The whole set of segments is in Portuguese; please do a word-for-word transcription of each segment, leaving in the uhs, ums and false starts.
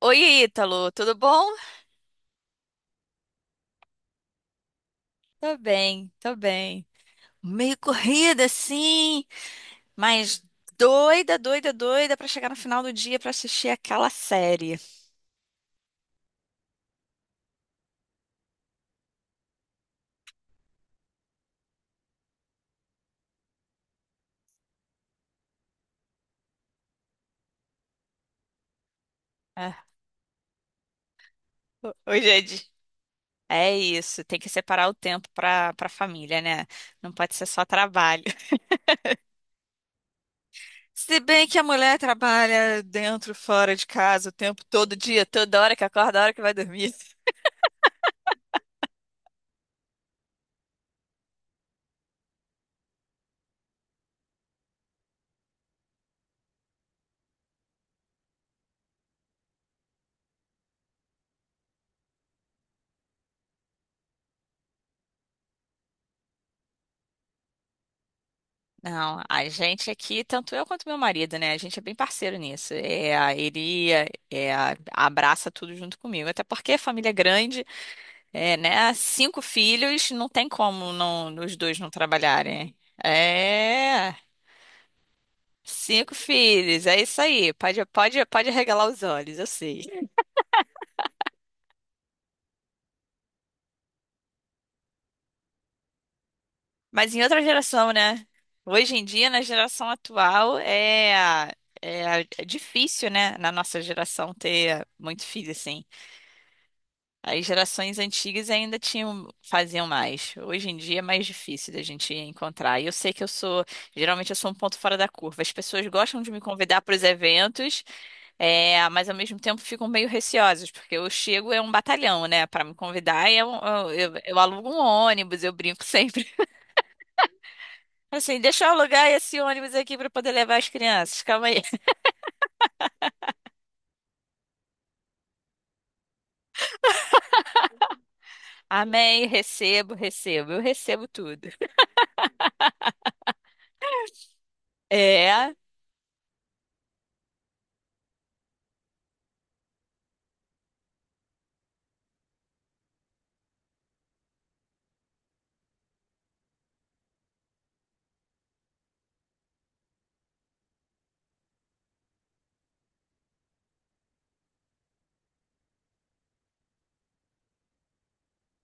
Oi, Ítalo, tudo bom? Tô bem, tô bem. Meio corrida, sim, mas doida, doida, doida pra chegar no final do dia pra assistir aquela série. É, ho- hoje é di- É isso, tem que separar o tempo pra para família, né? Não pode ser só trabalho. Se bem que a mulher trabalha dentro, fora de casa, o tempo todo dia, toda hora que acorda, a hora que vai dormir. Não, a gente aqui, tanto eu quanto meu marido, né? A gente é bem parceiro nisso. É, a- ele é, é, abraça tudo junto comigo. Até porque a família é grande, é, né? Cinco filhos, não tem como não, os dois não trabalharem. É, cinco filhos, é isso aí. Pode, pode, pode arregalar os olhos, eu sei. Mas em outra geração, né? Hoje em dia, na geração atual, é, é, é difícil, né? Na nossa geração ter muito filho, assim. As gerações antigas ainda tinham, faziam mais. Hoje em dia é mais difícil da gente encontrar. E eu sei que eu sou, geralmente eu sou um ponto fora da curva. As pessoas gostam de me convidar para os eventos, é, mas ao mesmo tempo ficam meio receosas, porque eu chego é um batalhão, né, para me convidar. E é um- eu, eu- eu alugo um ônibus, eu brinco sempre. Assim, deixa eu alugar esse ônibus aqui para poder levar as crianças. Calma aí. Amém, recebo, recebo, eu recebo tudo. É.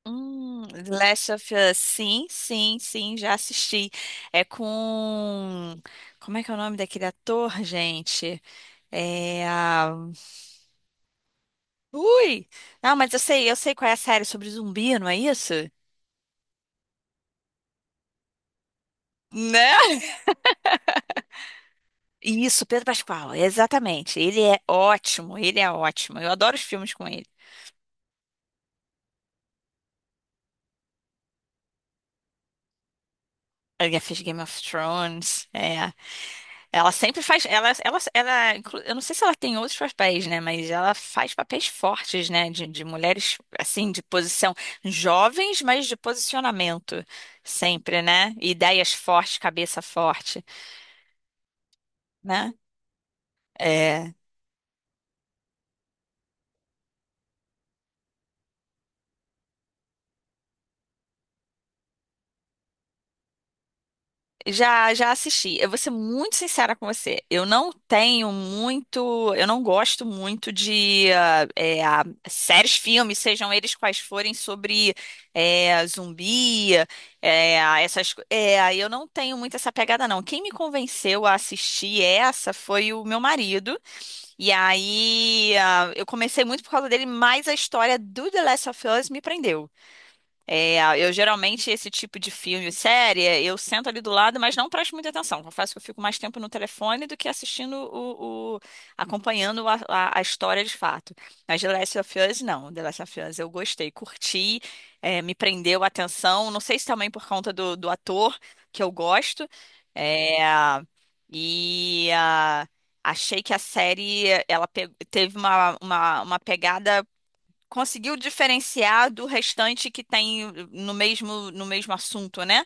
Hum, The Last of Us, sim, sim, sim, já assisti. É com. Como é que é o nome daquele ator, gente? É. a- Ui! Não, mas eu sei, eu sei, qual é a série sobre zumbi, não é isso? Né? Isso, Pedro Pascal, exatamente. Ele é ótimo, ele é ótimo. Eu adoro os filmes com ele. Ele já fez Game of Thrones, é. Ela sempre faz. Ela, ela, ela, inclu- eu não sei se ela tem outros papéis, né? Mas ela faz papéis fortes, né? De, de mulheres, assim, de posição jovens, mas de posicionamento. Sempre, né? Ideias fortes, cabeça forte, né? É. Já, já assisti. Eu vou ser muito sincera com você. Eu não tenho muito, eu não gosto muito de ah, é, ah, séries, filmes, sejam eles quais forem, sobre é, zumbi, é, essas. co- É, eu não tenho muito essa pegada, não. Quem me convenceu a assistir essa foi o meu marido. E aí ah, eu comecei muito por causa dele, mas a história do The Last of Us me prendeu. É, eu geralmente, esse tipo de filme e série, eu sento ali do lado, mas não presto muita atenção. Confesso que eu fico mais tempo no telefone do que assistindo o, o- acompanhando a, a- a história de fato. Mas The Last of Us, não. The Last of Us eu gostei, curti, é, me prendeu a atenção. Não sei se também por conta do, do ator, que eu gosto. É, e ah, achei que a série, ela pe- teve uma, uma uma pegada conseguiu diferenciar do restante que tem no mesmo, no mesmo assunto, né?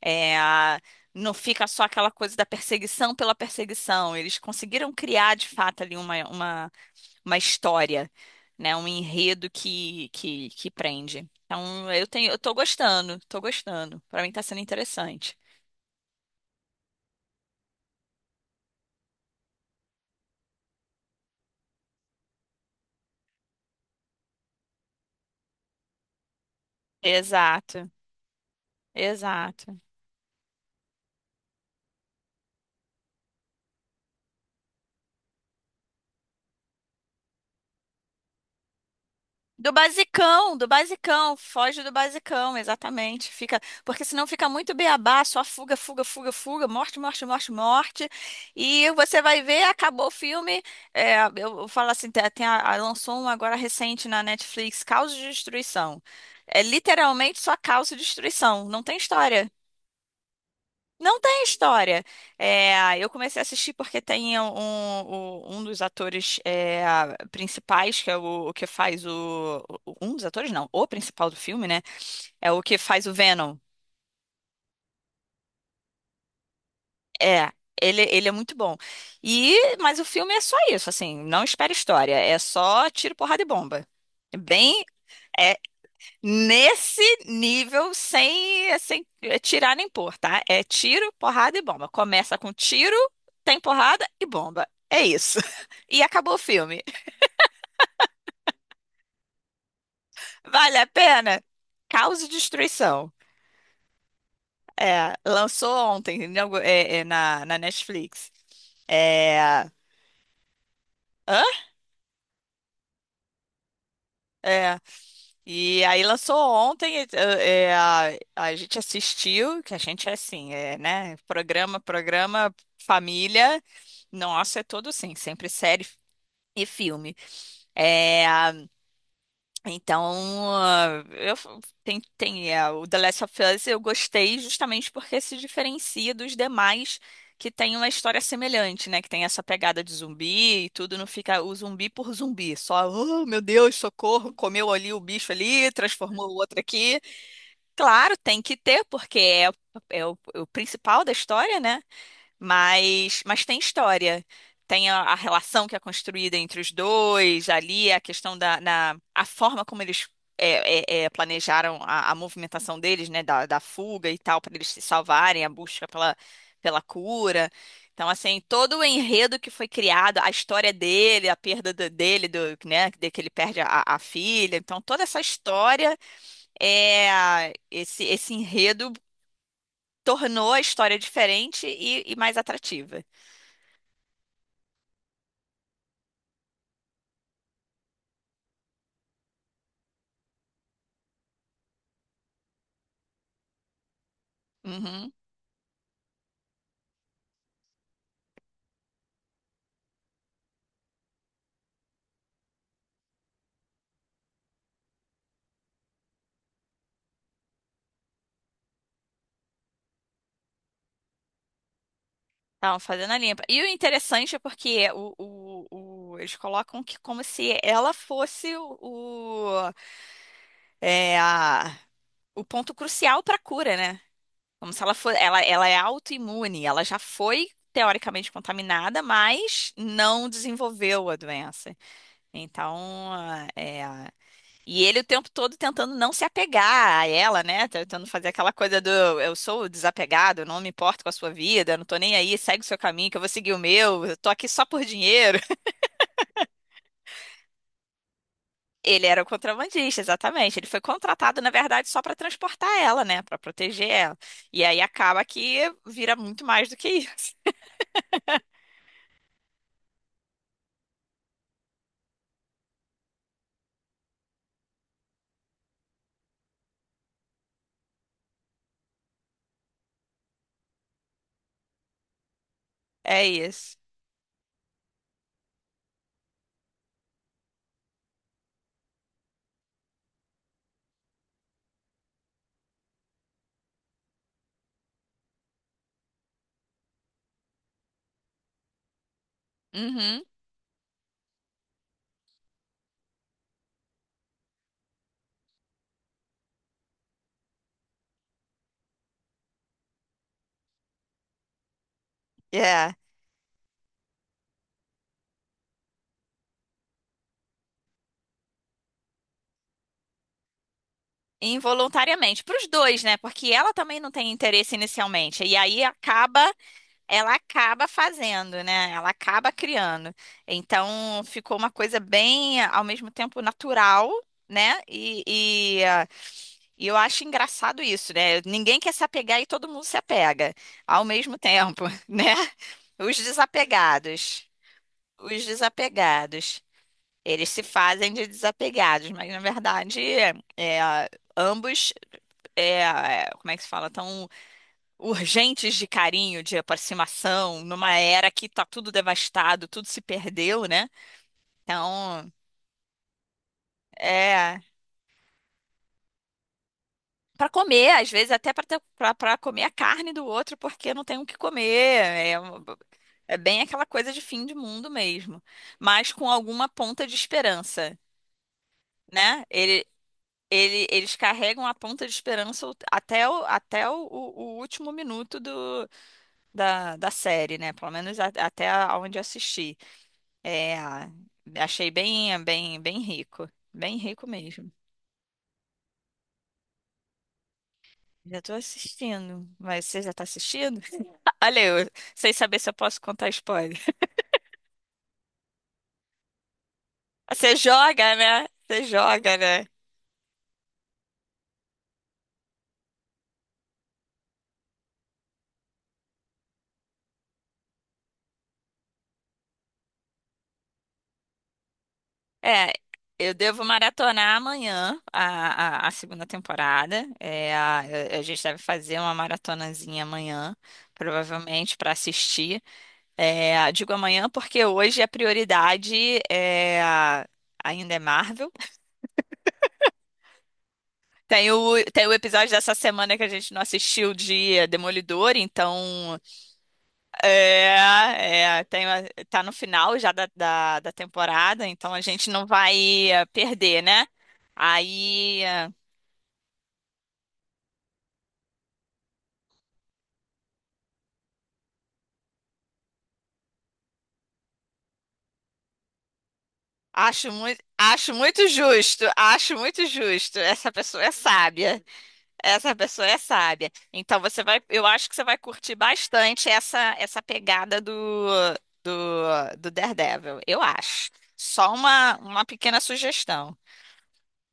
É, a- não fica só aquela coisa da perseguição pela perseguição. Eles conseguiram criar, de fato, ali uma, uma, uma história, né? Um enredo que, que, que prende. Então, eu tenho, eu tô gostando, tô gostando. Para mim tá sendo interessante. Exato, exato. Do basicão, do basicão, foge do basicão, exatamente. Fica, porque senão fica muito beabá, só fuga, fuga, fuga, fuga, morte, morte, morte, morte. E você vai ver, acabou o filme. é, eu, eu falo assim, tem, tem a, a- lançou um agora recente na Netflix, Caos de Destruição. É literalmente só caos e destruição, não tem história. Não tem história. É, eu comecei a assistir porque tem um, um, um dos atores é, principais, que é o, o que faz o. o- Um dos atores, não, o principal do filme, né? É o que faz o Venom. É, ele, ele é muito bom. E, mas o filme é só isso, assim, não espera história. É só tiro, porrada e bomba. É bem. é Nesse nível, sem, sem eh, tirar nem pôr, tá? É tiro, porrada e bomba. Começa com tiro, tem porrada e bomba. É isso. E acabou o filme. Vale a pena? Caos e destruição. É, lançou ontem em algu- é, é, na, na Netflix. É, hã? É, E aí lançou ontem, eh, eh, a, a gente assistiu, que a gente é assim, é, né? Programa, programa, família. Nossa, é tudo assim, sempre série e filme. Então, ah, eu f- tem, tem, é, o The Last of Us eu gostei justamente porque se diferencia dos demais que tem uma história semelhante, né? Que tem essa pegada de zumbi e tudo, não fica o zumbi por zumbi, só, oh, meu Deus, socorro, comeu ali o bicho ali, transformou o outro aqui. Claro, tem que ter, porque é, é o, é o principal da história, né? Mas, mas tem história. Tem a, a relação que é construída entre os dois, ali a questão da na, a forma como eles é, é, é, planejaram a, a movimentação deles, né, da, da fuga e tal, para eles se salvarem, a busca pela, pela cura. Então, assim, todo o enredo que foi criado, a história dele, a perda do- dele, do, né, de que ele perde a, a filha. Então, toda essa história, é, esse, esse enredo tornou a história diferente e e mais atrativa. Uhum. Estavam fazendo a limpa. E o interessante é porque o, o, o- eles colocam que como se ela fosse o, o, é, a- o ponto crucial para a cura, né? Como se ela for, ela, ela é autoimune, ela já foi teoricamente contaminada, mas não desenvolveu a doença. Então, é. E ele o tempo todo tentando não se apegar a ela, né? Tentando fazer aquela coisa do eu sou desapegado, não me importo com a sua vida, não tô nem aí, segue o seu caminho, que eu vou seguir o meu, eu tô aqui só por dinheiro. Ele era o contrabandista, exatamente. Ele foi contratado, na verdade, só pra transportar ela, né? Pra proteger ela. E aí acaba que vira muito mais do que isso. É isso. Uhum. É. Involuntariamente, para os dois, né? Porque ela também não tem interesse inicialmente. E aí acaba ela acaba fazendo, né? Ela acaba criando. Então ficou uma coisa bem, ao mesmo tempo, natural, né? E, e, ah, e eu acho engraçado isso, né? Ninguém quer se apegar e todo mundo se apega ao mesmo tempo, né? Os desapegados. Os desapegados. Eles se fazem de desapegados, mas na verdade, é, ambos, é, como é que se fala? Urgentes de carinho, de aproximação, numa era que tá tudo devastado, tudo se perdeu, né? Então, é para comer, às vezes até para comer a carne do outro, porque não tem o que comer. É, uma- é bem aquela coisa de fim de mundo mesmo, mas com alguma ponta de esperança, né? Ele, ele- eles carregam a ponta de esperança o- até o, até o, o- o último minuto do, da, da série, né? Pelo menos a- até onde assisti. É, achei bem, bem, bem rico. Bem rico mesmo. Já tô assistindo. Mas você já tá assistindo? Olha eu, sem saber se eu posso contar spoiler. Você joga, né? Você joga, né? É, eu devo maratonar amanhã a, a, a segunda temporada. É, a, a gente deve fazer uma maratonazinha amanhã, provavelmente, para assistir. É, digo amanhã porque hoje a prioridade é, ainda é Marvel. Tem o, tem o episódio dessa semana que a gente não assistiu de Demolidor, então é, é, tem, a- tá no final já da, da, da temporada, então a gente não vai eh, perder, né? Aí eh, acho muito, acho muito justo, acho muito justo. Essa pessoa é sábia. Essa pessoa é sábia. Então você vai, eu acho que você vai curtir bastante essa essa pegada do do, do Daredevil, eu acho. Só uma uma pequena sugestão.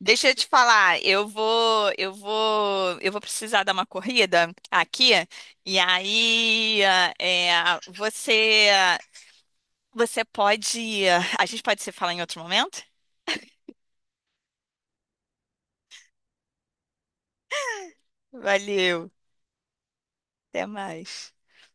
Deixa eu te falar, eu vou eu vou eu vou precisar dar uma corrida aqui e aí é, você você pode a gente pode se falar em outro momento? Valeu, até mais.